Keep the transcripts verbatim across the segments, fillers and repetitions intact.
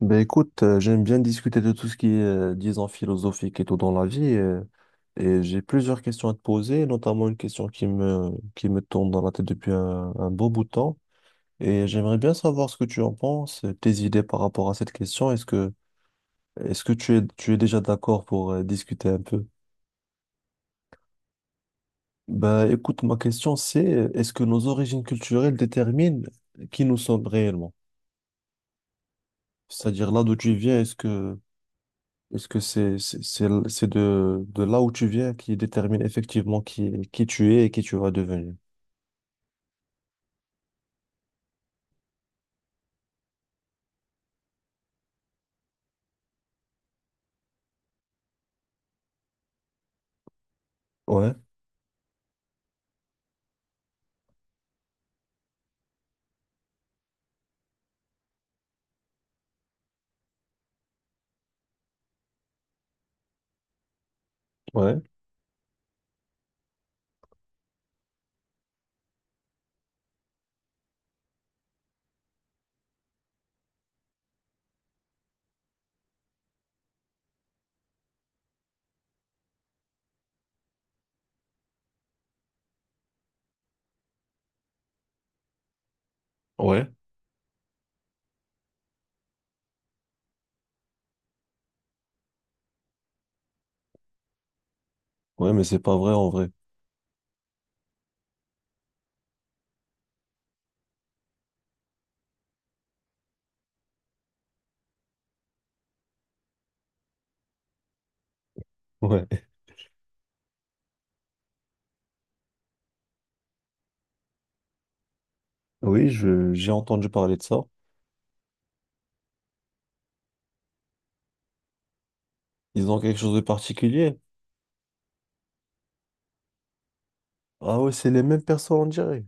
Ben écoute, euh, j'aime bien discuter de tout ce qui est, euh, disons, philosophique et tout dans la vie. Euh, et j'ai plusieurs questions à te poser, notamment une question qui me, qui me tourne dans la tête depuis un, un beau bout de temps. Et j'aimerais bien savoir ce que tu en penses, euh, tes idées par rapport à cette question. Est-ce que, est-ce que tu es, tu es déjà d'accord pour euh, discuter un peu? Ben écoute, ma question c'est, euh, est-ce que nos origines culturelles déterminent qui nous sommes réellement? C'est-à-dire là d'où tu viens, est-ce que Est-ce que c'est c'est c'est l- c'est de, de là où tu viens qui détermine effectivement qui, qui tu es et qui tu vas devenir? Ouais, ouais, ouais, ouais, mais c'est pas vrai en vrai. Ouais. Oui, je, j'ai entendu parler de ça. Ils ont quelque chose de particulier. Ah ouais, c'est les mêmes personnes, on dirait.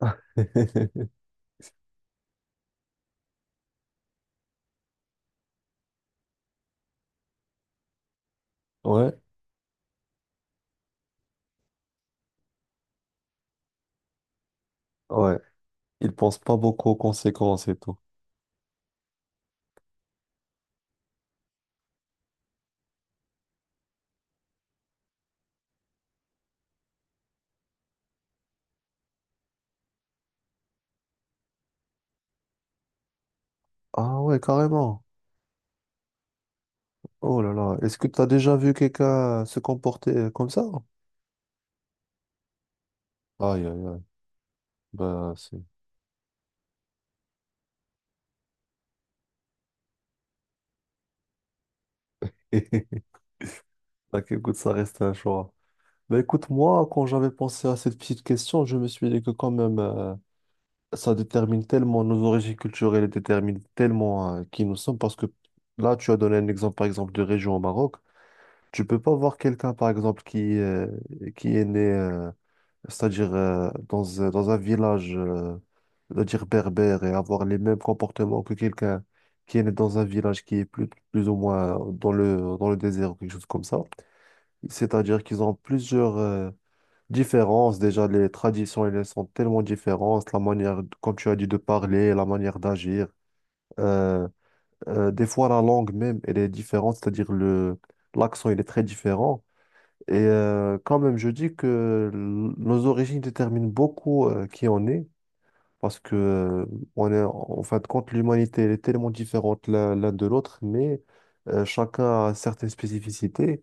Ouais, ouais. Ils pensent pas beaucoup aux conséquences et tout. Ah ouais, carrément. Oh là là. Est-ce que tu as déjà vu quelqu'un se comporter euh, comme ça? Aïe, aïe, aïe. Bah, c'est... Bah, écoute, ça reste un choix. Bah, écoute, moi, quand j'avais pensé à cette petite question, je me suis dit que quand même... euh, ça détermine tellement nos origines culturelles et détermine tellement euh, qui nous sommes, parce que là, tu as donné un exemple, par exemple, de région au Maroc. Tu peux pas voir quelqu'un, par exemple, qui, euh, qui est né, euh, c'est-à-dire euh, dans, un- dans un village, euh, c'est-à-dire berbère, et avoir les mêmes comportements que quelqu'un qui est né dans un village qui est plus, plus ou moins dans le, dans le désert ou quelque chose comme ça. C'est-à-dire qu'ils ont plusieurs... euh, différences. Déjà, les traditions, elles sont tellement différentes. La manière, comme tu as dit, de parler, la manière d'agir. Euh, euh, des fois, la langue même, elle est différente, c'est-à-dire le, l'accent, il est très différent. Et euh, quand même, je dis que l- nos origines déterminent beaucoup euh, qui on est, parce que euh, on est, en fin de compte, l'humanité, elle est tellement différente l'un l'un de l'autre, mais euh, chacun a certaines spécificités.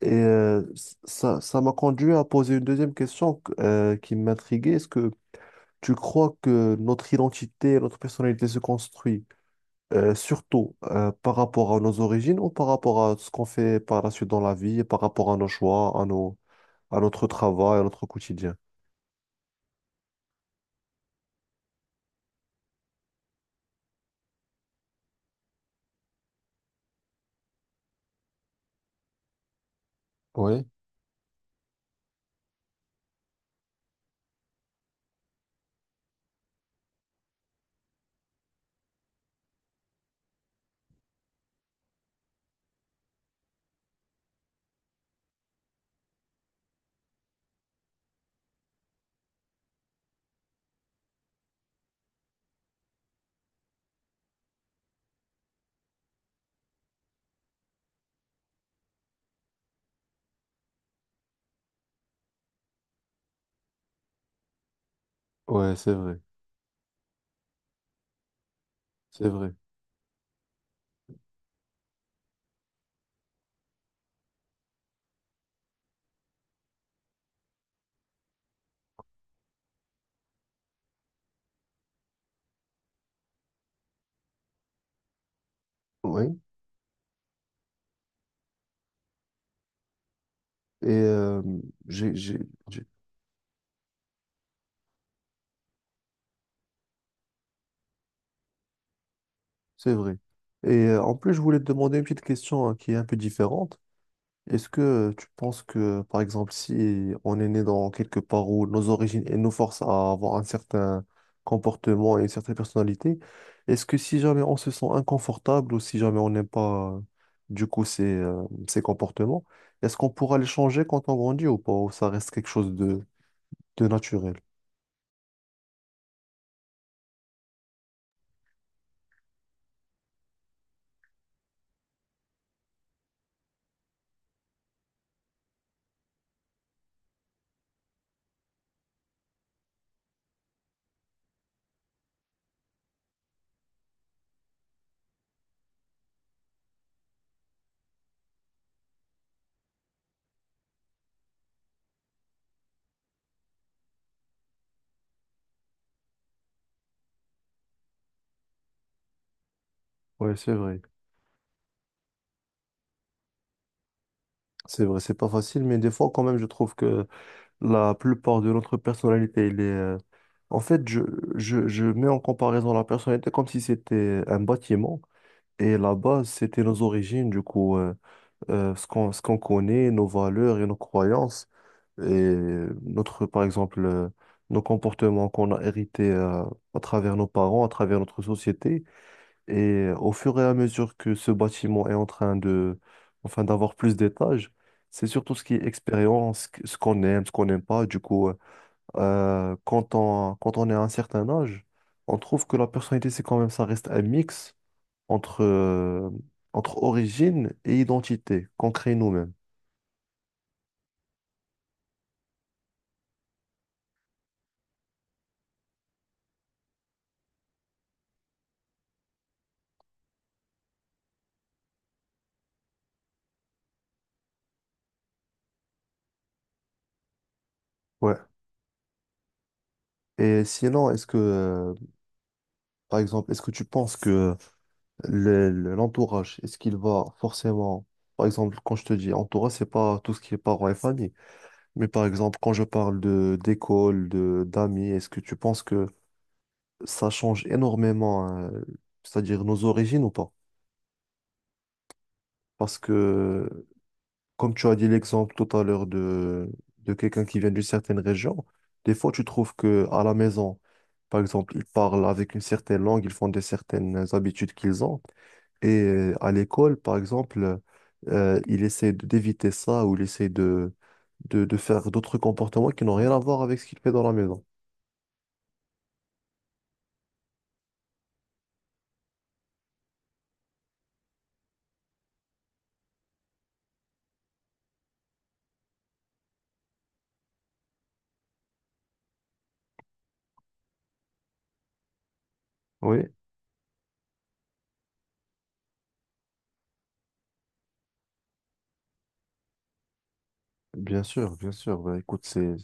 Et euh, c- ça, ça m'a conduit à poser une deuxième question que- euh, qui m'intriguait. Est-ce que tu crois que notre identité, notre personnalité se construit euh, surtout euh, par rapport à nos origines ou par rapport à ce qu'on fait par la suite dans la vie, et par rapport à nos choix, à nos, à notre travail, à notre quotidien? Oui, ouais, c'est vrai, c'est vrai. Oui, et euh, j'ai, j'ai- j'ai- c'est vrai. Et euh, en plus, je voulais te demander une petite question hein, qui est un peu différente. Est-ce que tu penses que, par exemple, si on est né dans quelque part où nos origines et nous forcent à avoir un certain comportement et une certaine personnalité, est-ce que si jamais on se sent inconfortable ou si jamais on n'aime pas, euh, du coup, ces, euh, ces comportements, est-ce qu'on pourra les changer quand on grandit ou pas, ou ça reste quelque chose de, de naturel? Ouais, c'est vrai. C'est vrai, c'est pas facile, mais des fois, quand même, je trouve que la plupart de notre personnalité, il est... euh, En fait, je, je, je mets en comparaison la personnalité comme si c'était un bâtiment. Et la base, c'était nos origines, du coup, euh, euh, ce qu'on, ce qu'on connaît, nos valeurs et nos croyances. Et notre, par exemple, euh, nos comportements qu'on a hérités euh, à travers nos parents, à travers notre société. Et au fur et à mesure que ce bâtiment est en train de, enfin, d'avoir plus d'étages, c'est surtout ce qui est expérience, ce qu'on aime, ce qu'on n'aime pas. Du coup, euh, euh, quand on, quand on est à un certain âge, on trouve que la personnalité, c'est quand même, ça reste un mix entre, euh, entre origine et identité qu'on crée nous-mêmes. Ouais. Et sinon, est-ce que, euh, par exemple, est-ce que tu penses que le- le- l'entourage, est-ce qu'il va forcément, par exemple, quand je te dis entourage, c'est pas tout ce qui est parents et famille, mais par exemple, quand je parle de d'école, de d'amis, est-ce que tu penses que ça change énormément, euh, c'est-à-dire nos origines ou pas? Parce que, comme tu as dit l'exemple tout à l'heure de, de quelqu'un qui vient d'une certaine région, des fois tu trouves que à la maison, par exemple, ils parlent avec une certaine langue, ils font des certaines habitudes qu'ils ont. Et euh, à l'école, par exemple, euh, il essaie de- d'éviter ça ou il essaie de, de, de faire d'autres comportements qui n'ont rien à voir avec ce qu'il fait dans la maison. Oui, bien sûr, bien sûr. Bah, écoute, c'est,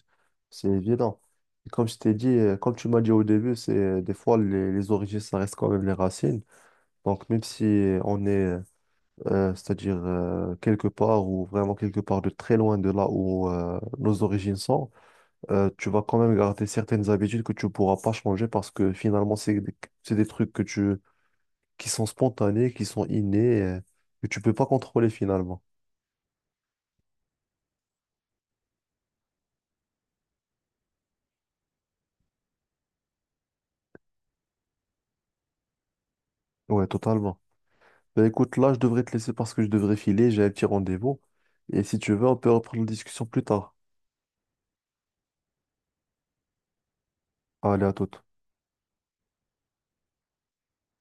c'est évident. Et comme je t'ai dit, euh, comme tu m'as dit au début, c'est euh, des fois les, les origines, ça reste quand même les racines. Donc, même si on est, euh, c'est-à-dire euh, quelque part ou vraiment quelque part de très loin de là où euh, nos origines sont, euh, tu vas quand même garder certaines habitudes que tu ne pourras pas changer parce que finalement, c'est, des- c'est des trucs que tu, qui sont spontanés, qui sont innés, euh, que tu peux pas contrôler finalement. Ouais, totalement. Ben, écoute, là, je devrais te laisser parce que je devrais filer, j'ai un petit rendez-vous. Et si tu veux, on peut reprendre la discussion plus tard. Allez, à toute.